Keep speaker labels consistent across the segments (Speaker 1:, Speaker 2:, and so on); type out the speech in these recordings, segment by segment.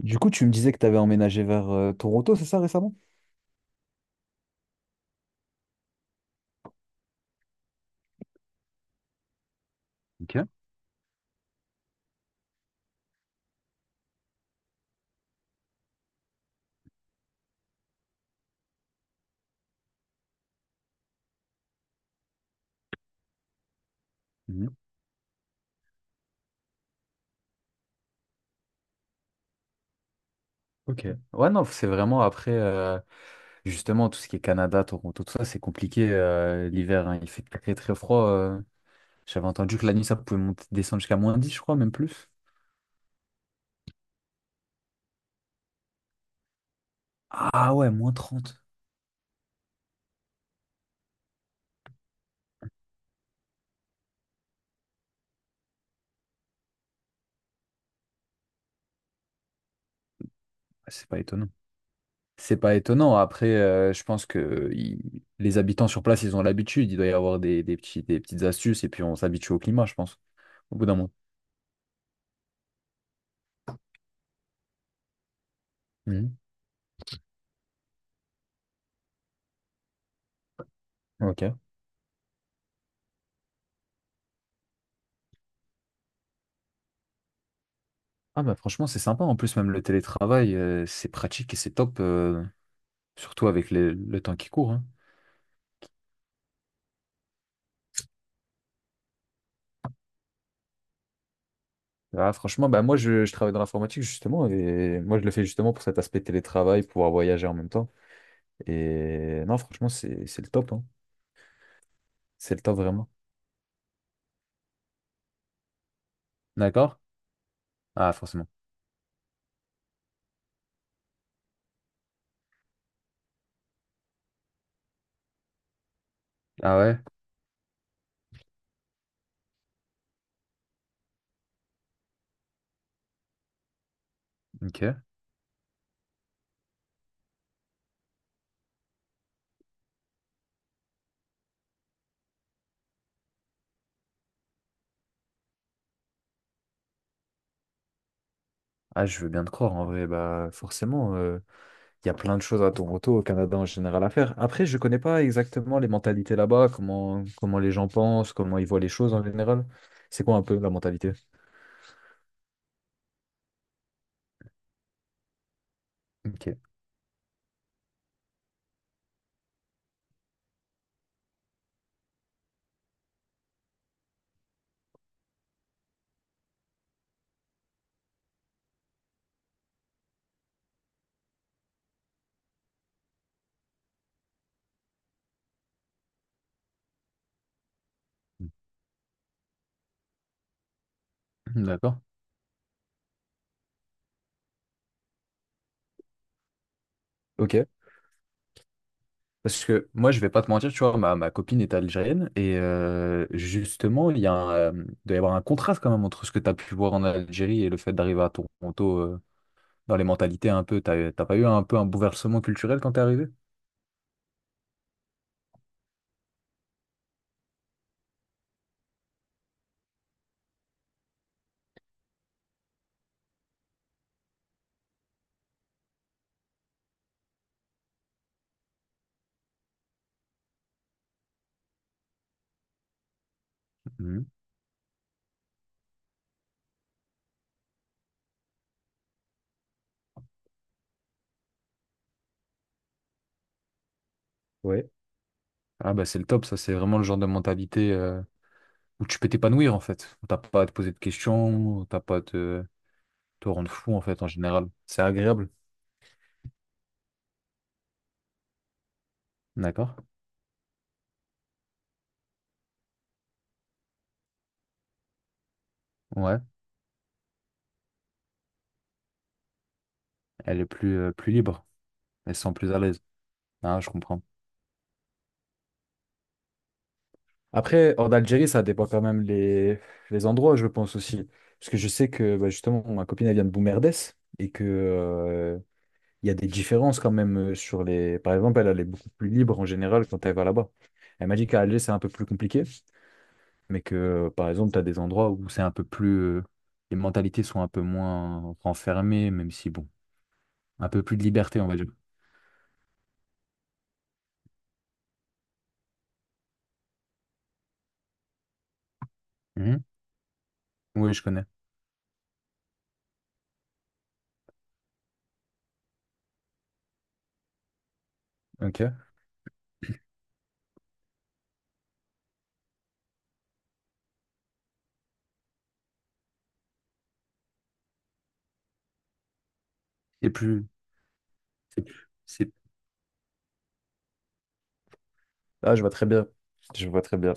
Speaker 1: Du coup, tu me disais que tu avais emménagé vers Toronto, c'est ça récemment? Ok. Mhm. Ok. Ouais, non, c'est vraiment après, justement, tout ce qui est Canada, Toronto, tout ça, c'est compliqué l'hiver, hein. Il fait très, très froid. J'avais entendu que la nuit, ça pouvait monter, descendre jusqu'à moins 10, je crois, même plus. Ah ouais, moins 30. Ouais, c'est pas étonnant. C'est pas étonnant. Après, je pense que les habitants sur place, ils ont l'habitude. Il doit y avoir des petits, des petites astuces et puis on s'habitue au climat, je pense, au bout d'un moment. Mhm. Ok. Ah bah franchement, c'est sympa. En plus, même le télétravail, c'est pratique et c'est top, surtout avec le temps qui court, hein. Ah, franchement, bah moi, je travaille dans l'informatique justement et moi, je le fais justement pour cet aspect télétravail, pouvoir voyager en même temps. Et non, franchement, c'est le top, hein. C'est le top vraiment. D'accord? Ah, forcément. Ah ouais? Ok. Ah, je veux bien te croire en vrai. Bah forcément. Il y a plein de choses à Toronto, au Canada en général à faire. Après, je ne connais pas exactement les mentalités là-bas, comment les gens pensent, comment ils voient les choses en général. C'est quoi un peu la mentalité? Ok, d'accord. Ok. Parce que moi, je vais pas te mentir, tu vois, ma copine est algérienne et justement, il y a il doit y avoir un contraste quand même entre ce que tu as pu voir en Algérie et le fait d'arriver à Toronto. Dans les mentalités un peu, t'as pas eu un peu un bouleversement culturel quand t'es arrivé? Mhm. Ouais. Ah bah c'est le top, ça c'est vraiment le genre de mentalité où tu peux t'épanouir en fait. Où t'as pas à te poser de questions, où t'as pas à te, te rendre fou en fait en général. C'est agréable. D'accord? Ouais. Elle est plus, plus libre. Elle se sent plus à l'aise. Ah, je comprends. Après, hors d'Algérie, ça dépend quand même les endroits, je pense aussi. Parce que je sais que bah, justement, ma copine, elle vient de Boumerdès et que, il y a des différences quand même sur les. Par exemple, elle est beaucoup plus libre en général quand elle va là-bas. Elle m'a dit qu'à Alger, c'est un peu plus compliqué, mais que, par exemple, tu as des endroits où c'est un peu plus. Les mentalités sont un peu moins renfermées, même si, bon, un peu plus de liberté, on va dire. Mhm. Oui, je connais. Ok. Et plus. C'est Ah, je vois très bien. Je vois très bien.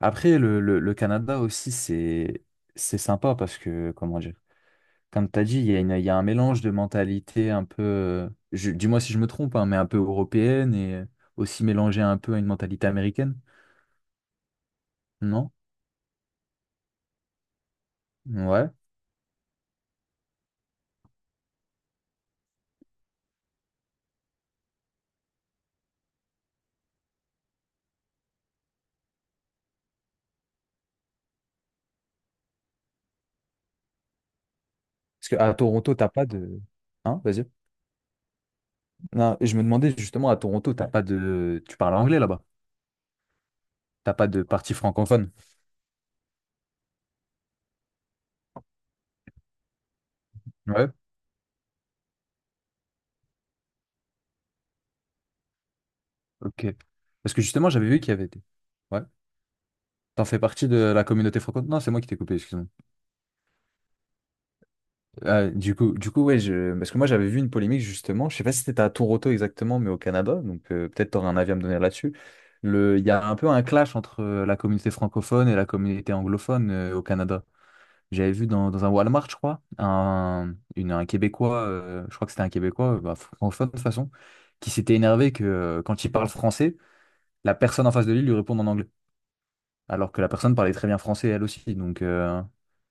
Speaker 1: Après, le Canada aussi, c'est sympa parce que, comment dire, comme tu as dit, il y a il y a un mélange de mentalité un peu, dis-moi si je me trompe, hein, mais un peu européenne et aussi mélangée un peu à une mentalité américaine, non? Ouais. Parce qu'à Toronto, t'as pas de... Hein, vas-y. Non, je me demandais justement, à Toronto, t'as pas de... Tu parles anglais là-bas. T'as pas de partie francophone. Ouais. Ok. Parce que justement, j'avais vu qu'il y avait... des- Ouais. T'en fais partie de la communauté franco... Non, c'est moi qui t'ai coupé, excuse-moi. Ah, du coup, ouais, je... parce que moi j'avais vu une polémique justement, je sais pas si c'était à Toronto exactement, mais au Canada, donc peut-être t'aurais un avis à me donner là-dessus. Le... Il y a un peu un clash entre la communauté francophone et la communauté anglophone au Canada. J'avais vu dans un Walmart, je crois, un Québécois, je crois que c'était un Québécois, bah, francophone de toute façon, qui s'était énervé que quand il parle français, la personne en face de lui lui répond en anglais, alors que la personne parlait très bien français elle aussi. Donc,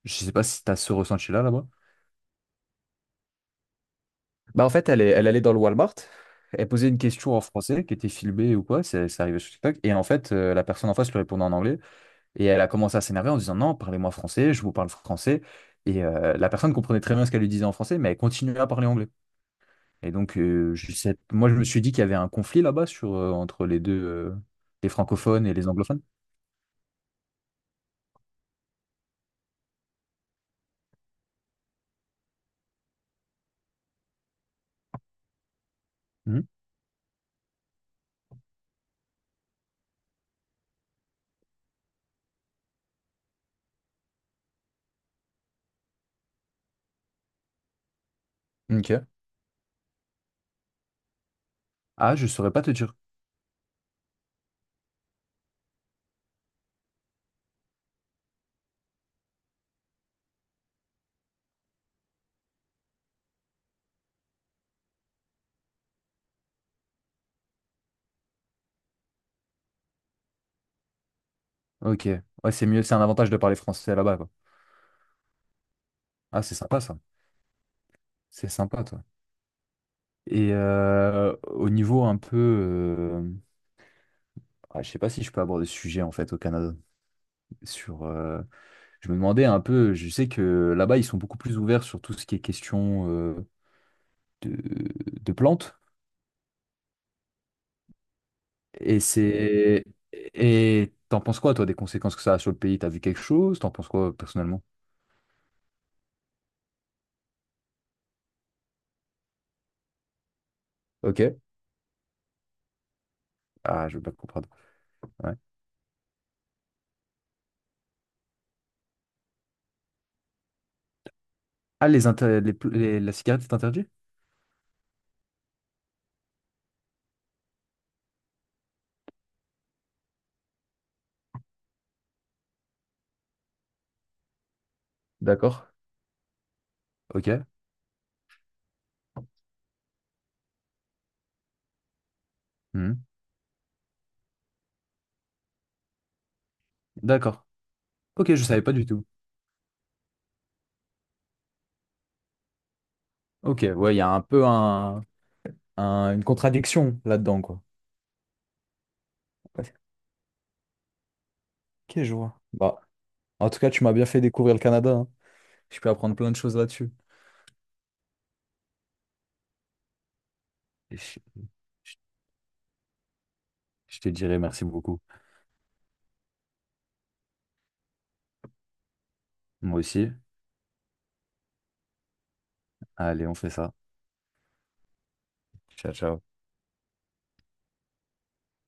Speaker 1: je sais pas si tu as ce ressenti-là là-bas. Bah en fait, elle allait dans le Walmart. Elle posait une question en français qui était filmée ou quoi, ça arrivait sur TikTok. Et en fait, la personne en face lui répondait en anglais. Et elle a commencé à s'énerver en disant non, parlez-moi français, je vous parle français. Et la personne comprenait très bien ce qu'elle lui disait en français, mais elle continuait à parler anglais. Et donc, moi, je me suis dit qu'il y avait un conflit là-bas sur, entre les deux, les francophones et les anglophones. Mhm. Ok. Ah, je saurais pas te dire. Ok. Ouais, c'est mieux, c'est un avantage de parler français là-bas, quoi. Ah, c'est sympa ça. C'est sympa, toi. Et au niveau un peu. Ah, je sais pas si je peux aborder ce sujet en fait au Canada. Sur, je me demandais un peu, je sais que là-bas, ils sont beaucoup plus ouverts sur tout ce qui est question de, de plantes. Et c'est. Et t'en penses quoi, toi, des conséquences que ça a sur le pays? T'as vu quelque chose? T'en penses quoi personnellement? Ok. Ah, je veux pas comprendre. Ouais. Ah, les inter- les pl- les- la cigarette est interdite? D'accord. Ok. Mhm. D'accord. Ok, je savais pas du tout. Ok, ouais, il y a un peu une contradiction là-dedans, quoi. Ouais. Ok, je vois. Bah, en tout cas, tu m'as bien fait découvrir le Canada, hein. Je peux apprendre plein de choses là-dessus. Et je- je te dirai merci beaucoup. Moi aussi. Allez, on fait ça. Ciao, ciao.